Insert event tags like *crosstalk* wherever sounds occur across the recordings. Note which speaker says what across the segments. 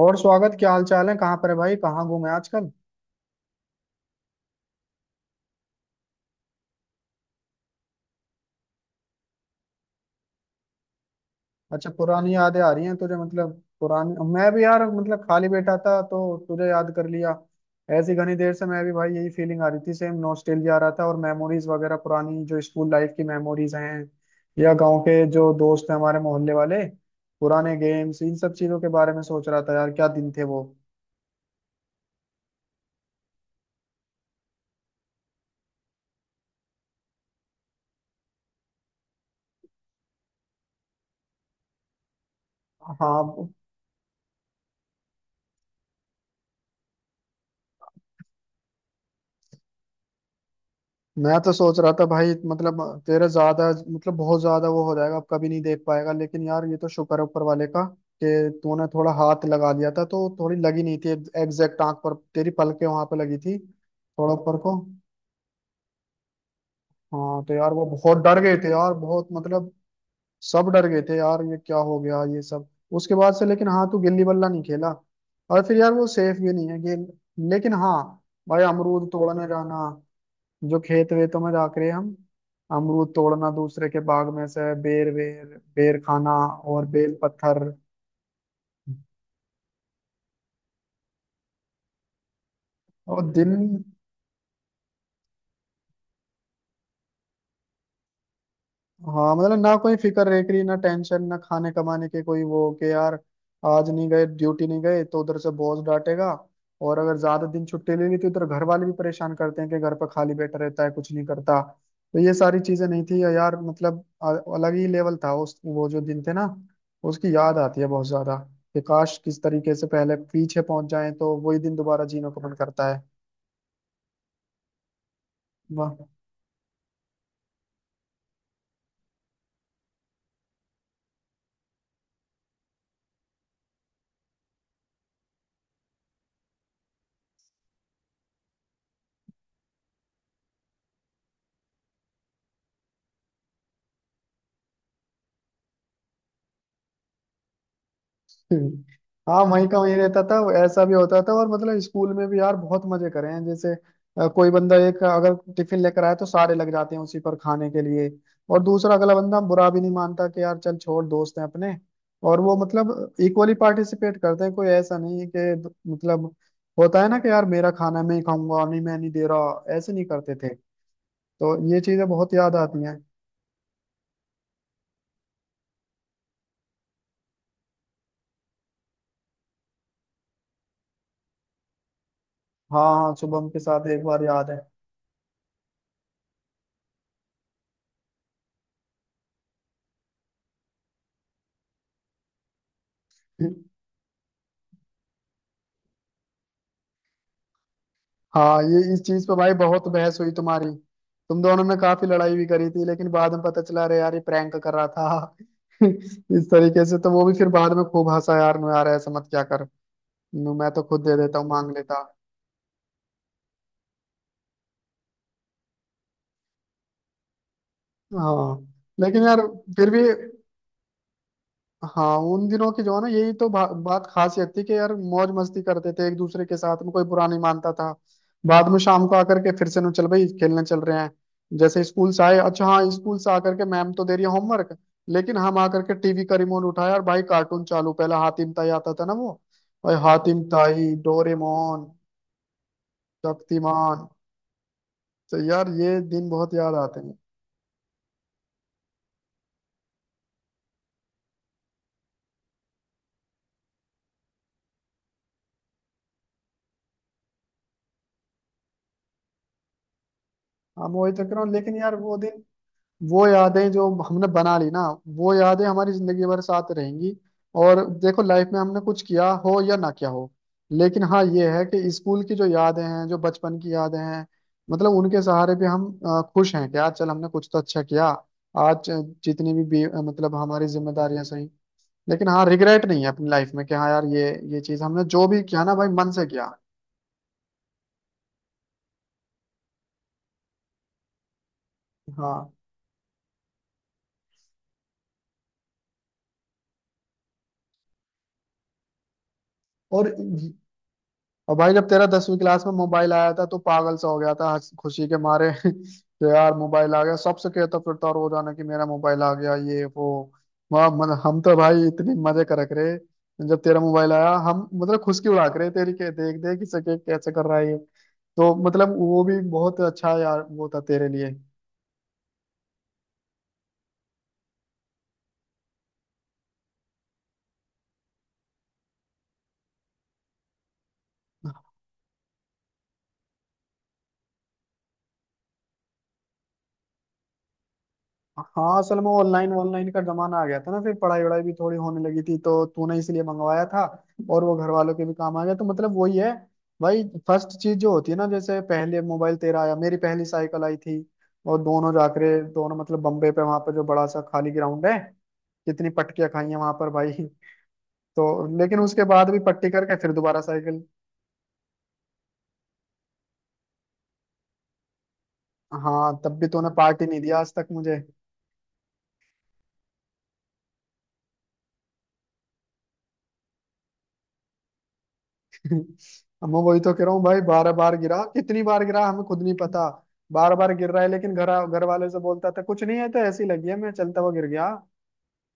Speaker 1: और स्वागत। क्या हाल चाल है? कहाँ पर है भाई? कहाँ घूमे आजकल? अच्छा, पुरानी यादें आ रही हैं तुझे, मतलब। पुरानी मैं भी यार, मतलब खाली बैठा था तो तुझे याद कर लिया। ऐसी घनी देर से मैं भी भाई, यही फीलिंग आ रही थी। सेम नॉस्टैल्जिया आ रहा था और मेमोरीज वगैरह, पुरानी जो स्कूल लाइफ की मेमोरीज हैं, या गांव के जो दोस्त हैं हमारे मोहल्ले वाले, पुराने गेम्स, इन सब चीजों के बारे में सोच रहा था यार। क्या दिन थे वो। हाँ। मैं तो सोच रहा था भाई, मतलब तेरा ज्यादा, मतलब बहुत ज्यादा वो हो जाएगा, अब कभी नहीं देख पाएगा। लेकिन यार ये तो शुक्र है ऊपर वाले का कि तूने थोड़ा हाथ लगा दिया था तो थोड़ी लगी नहीं थी। एग्जैक्ट आंख पर तेरी पलकें वहां पे लगी थी, थोड़ा ऊपर को। हाँ तो यार वो बहुत डर गए थे यार, बहुत मतलब। सब डर गए थे यार, ये क्या हो गया ये सब। उसके बाद से लेकिन हाँ, तू गिल्ली बल्ला नहीं खेला। और फिर यार वो सेफ भी नहीं है गेम। लेकिन हाँ। भाई अमरूद तोड़ने जाना, जो खेत वेतों में जाकर हम अमरूद तोड़ना, दूसरे के बाग में से बेर वेर, बेर खाना और बेल पत्थर। और दिन। हाँ मतलब ना कोई फिक्र रेकरी, ना टेंशन, ना खाने कमाने के कोई वो, कि यार आज नहीं गए ड्यूटी, नहीं गए तो उधर से बॉस डांटेगा। और अगर ज्यादा दिन छुट्टी ले ली तो इधर घर वाले भी परेशान करते हैं कि घर पर खाली बैठा रहता है कुछ नहीं करता। तो ये सारी चीजें नहीं थी यार, मतलब अलग ही लेवल था, उस वो जो दिन थे ना। उसकी याद आती है बहुत ज्यादा। कि काश किस तरीके से पहले पीछे पहुंच जाए तो वही दिन दोबारा जीने को मन करता है। वाह। हम्म, हाँ, वहीं का वहीं रहता था। ऐसा भी होता था, और मतलब स्कूल में भी यार बहुत मजे करे हैं, जैसे कोई बंदा एक अगर टिफिन लेकर आए तो सारे लग जाते हैं उसी पर खाने के लिए। और दूसरा अगला बंदा बुरा भी नहीं मानता कि यार, चल छोड़ दोस्त हैं अपने। और वो मतलब इक्वली पार्टिसिपेट करते हैं, कोई ऐसा नहीं है कि मतलब, होता है ना कि यार मेरा खाना मैं ही खाऊंगा और नहीं, मैं नहीं दे रहा, ऐसे नहीं करते थे। तो ये चीजें बहुत याद आती हैं। हाँ हाँ, शुभम के साथ एक बार याद है। हाँ, ये इस चीज पे भाई बहुत बहस हुई तुम्हारी। तुम दोनों ने काफी लड़ाई भी करी थी, लेकिन बाद में पता चला अरे यार ये प्रैंक कर रहा था। *laughs* इस तरीके से तो वो भी फिर बाद में खूब हंसा यार, नु यार ऐसा मत क्या कर। नु मैं तो खुद दे देता हूँ, मांग लेता। हाँ लेकिन यार, फिर भी। हाँ उन दिनों की जो है ना, यही तो बात खासियत थी कि यार मौज मस्ती करते थे एक दूसरे के साथ में, कोई बुरा नहीं मानता था। बाद में शाम को आकर के फिर से ना, चल भाई खेलने चल रहे हैं। जैसे स्कूल से आए, अच्छा हाँ, स्कूल से आकर के मैम तो दे रही है होमवर्क, लेकिन हम आकर के टीवी का रिमोट उठाया और भाई कार्टून चालू, पहला हातिम ताई आता था ना वो। भाई हातिम ताई, डोरेमोन। शक्तिमान। तो यार ये दिन बहुत याद आते हैं। हम वही तो कह रहा हूँ, लेकिन यार वो दिन, वो यादें जो हमने बना ली ना, वो यादें हमारी जिंदगी भर साथ रहेंगी। और देखो लाइफ में हमने कुछ किया हो या ना किया हो, लेकिन हाँ ये है कि स्कूल की जो यादें हैं, जो बचपन की यादें हैं, मतलब उनके सहारे भी हम खुश हैं कि यार चल हमने कुछ तो अच्छा किया। आज जितनी भी मतलब हमारी जिम्मेदारियां सही, लेकिन हाँ रिग्रेट नहीं है अपनी लाइफ में, कि हाँ यार ये चीज हमने जो भी किया ना भाई, मन से किया। हाँ। और और भाई जब तेरा 10वीं क्लास में मोबाइल आया था तो पागल सा हो गया था, खुशी के मारे *laughs* कि यार मोबाइल आ गया, सबसे कहता फिरता रोजाना कि मेरा मोबाइल आ गया ये वो। वाह, मतलब हम तो भाई इतनी मजे करक रहे। जब तेरा मोबाइल आया, हम मतलब खुशकी उड़ा के रहे तेरी, के देख देख कि सके कैसे कर रहा है ये। तो मतलब वो भी बहुत अच्छा यार वो था तेरे लिए। हाँ, असल में ऑनलाइन ऑनलाइन का जमाना आ गया था ना, फिर पढ़ाई वढ़ाई भी थोड़ी होने लगी थी, तो तूने इसलिए मंगवाया था। और वो घर वालों के भी काम आ गया, तो मतलब वही है। भाई फर्स्ट चीज जो होती है ना, जैसे पहले मोबाइल तेरा आया, मेरी पहली साइकिल आई थी। और दोनों जाकरे दोनों, मतलब बम्बे पे वहां पर जो बड़ा सा खाली ग्राउंड है, कितनी पटकियां खाई हैं वहां पर भाई। *laughs* तो लेकिन उसके बाद भी पट्टी करके फिर दोबारा साइकिल। हाँ तब भी तूने पार्टी नहीं दिया आज तक मुझे। *laughs* अब मैं वही तो कह रहा हूँ भाई, 12 बार गिरा, कितनी बार गिरा हमें खुद नहीं पता। बार बार गिर रहा है, लेकिन घर घर वाले से बोलता था कुछ नहीं है, तो ऐसी लगी है, मैं चलता हुआ गिर गया।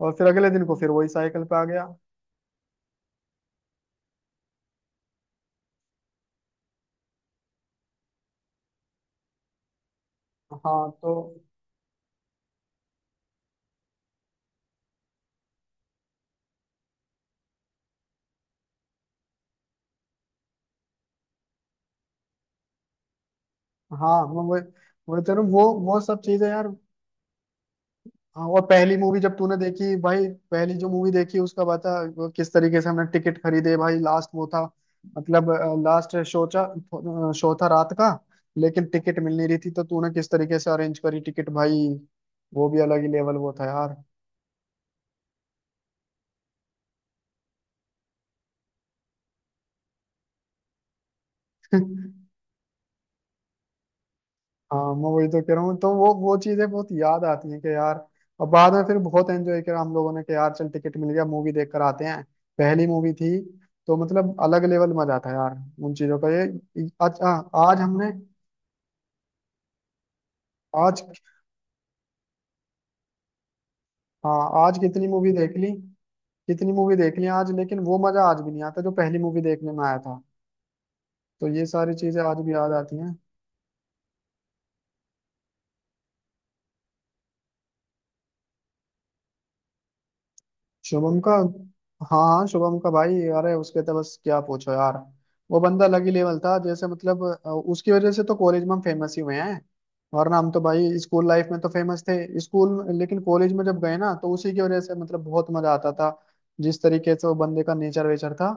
Speaker 1: और फिर अगले दिन को फिर वही साइकिल पे आ गया। हाँ तो। हाँ मैं वही वही तो वो सब चीजें यार। हाँ, और पहली मूवी जब तूने देखी भाई, पहली जो मूवी देखी उसका बता। वो किस तरीके से हमने टिकट खरीदे भाई, लास्ट वो था, मतलब लास्ट शो था। शो था रात का, लेकिन टिकट मिल नहीं रही थी, तो तूने किस तरीके से अरेंज करी टिकट भाई। वो भी अलग ही लेवल वो था यार। *laughs* हाँ मैं वही तो कह रहा हूँ, तो वो चीजें बहुत याद आती हैं कि यार, अब बाद में फिर बहुत एंजॉय करा हम लोगों ने कि यार चल टिकट मिल गया, मूवी देख कर आते हैं। पहली मूवी थी। तो मतलब अलग लेवल मजा था यार, उन चीजों का ये। आज, हाँ आज हमने, आज हाँ आज कितनी मूवी देख ली, कितनी मूवी देख ली आज, लेकिन वो मजा आज भी नहीं आता जो पहली मूवी देखने में आया था। तो ये सारी चीजें आज भी याद आती हैं। शुभम का। हाँ हाँ, शुभम का भाई, अरे उसके तो बस क्या पूछो यार। वो बंदा अलग ही लेवल था, जैसे मतलब उसकी वजह से तो कॉलेज में हम फेमस ही हुए हैं। वरना हम तो भाई स्कूल लाइफ में तो फेमस थे लेकिन कॉलेज में जब गए ना तो उसी की वजह से मतलब बहुत मजा आता था। जिस तरीके से वो बंदे का नेचर वेचर था।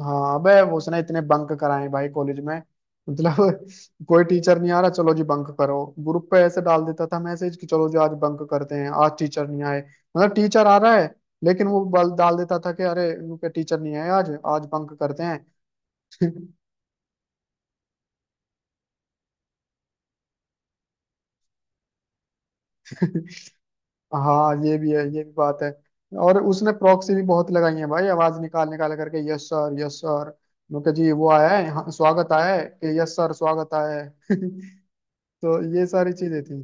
Speaker 1: हाँ अबे, वो उसने इतने बंक कराए भाई कॉलेज में, मतलब *laughs* कोई टीचर नहीं आ रहा, चलो जी बंक करो, ग्रुप पे ऐसे डाल देता था मैसेज कि चलो जी आज बंक करते हैं, आज टीचर नहीं आए। मतलब टीचर आ रहा है, लेकिन वो बल डाल देता था कि अरे, इनके टीचर नहीं आए आज, आज बंक करते हैं। *laughs* हाँ, ये भी है, ये भी बात है। और उसने प्रॉक्सी भी बहुत लगाई है भाई, आवाज निकाल निकाल करके, यस सर, यस सर। उनके जी वो आया है, हाँ स्वागत आया है, कि यस सर, स्वागत आया है। *laughs* तो ये सारी चीजें थी,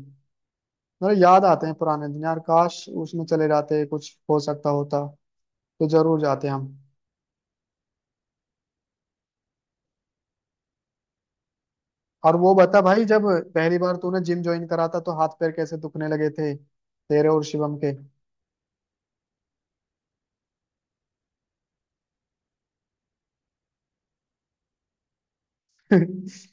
Speaker 1: मतलब याद आते हैं पुराने दिन यार, काश उसमें चले जाते, कुछ हो सकता होता तो जरूर जाते हम। और वो बता भाई, जब पहली बार तूने जिम ज्वाइन करा था तो हाथ पैर कैसे दुखने लगे थे तेरे और शिवम के। *laughs*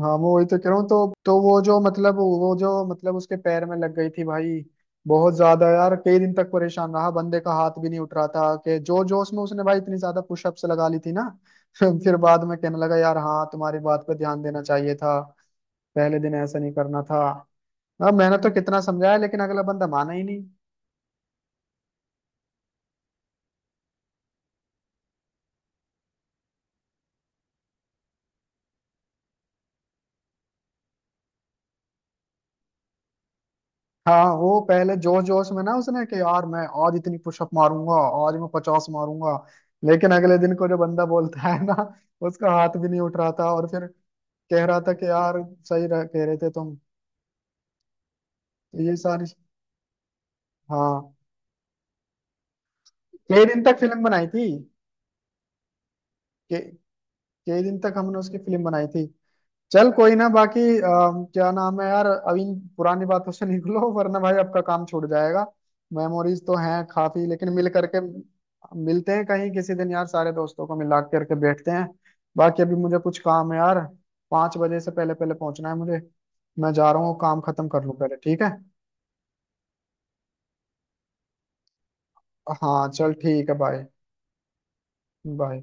Speaker 1: हाँ मैं वही तो कह रहा हूँ, तो वो जो मतलब, वो जो मतलब उसके पैर में लग गई थी भाई, बहुत ज्यादा यार, कई दिन तक परेशान रहा, बंदे का हाथ भी नहीं उठ रहा था, कि जो जोश में उसने भाई इतनी ज्यादा पुशअप्स लगा ली थी ना। *laughs* फिर बाद में कहने लगा यार, हाँ तुम्हारी बात पे ध्यान देना चाहिए था, पहले दिन ऐसा नहीं करना था। अब मैंने तो कितना समझाया, लेकिन अगला बंदा माना ही नहीं। हाँ वो पहले जोश जोश में ना उसने, कि यार मैं आज इतनी पुशअप मारूंगा, आज मैं 50 मारूंगा। लेकिन अगले दिन को जो बंदा बोलता है ना, उसका हाथ भी नहीं उठ रहा था और फिर कह रहा था कि यार, सही कह रहे थे तुम। ये सारी। हाँ, कई दिन तक फिल्म बनाई थी, के- कई दिन तक हमने उसकी फिल्म बनाई थी। चल कोई ना, बाकी क्या नाम है यार, अभी इन पुरानी बातों से *laughs* निकलो वरना भाई आपका काम छूट जाएगा। मेमोरीज तो हैं काफी, लेकिन मिल करके मिलते हैं कहीं किसी दिन यार, सारे दोस्तों को मिला करके बैठते हैं। बाकी अभी मुझे कुछ काम है यार, 5 बजे से पहले पहले पहुंचना है मुझे। मैं जा रहा हूँ, काम खत्म कर लूँ पहले, ठीक है। हाँ चल ठीक है, बाय। बाय।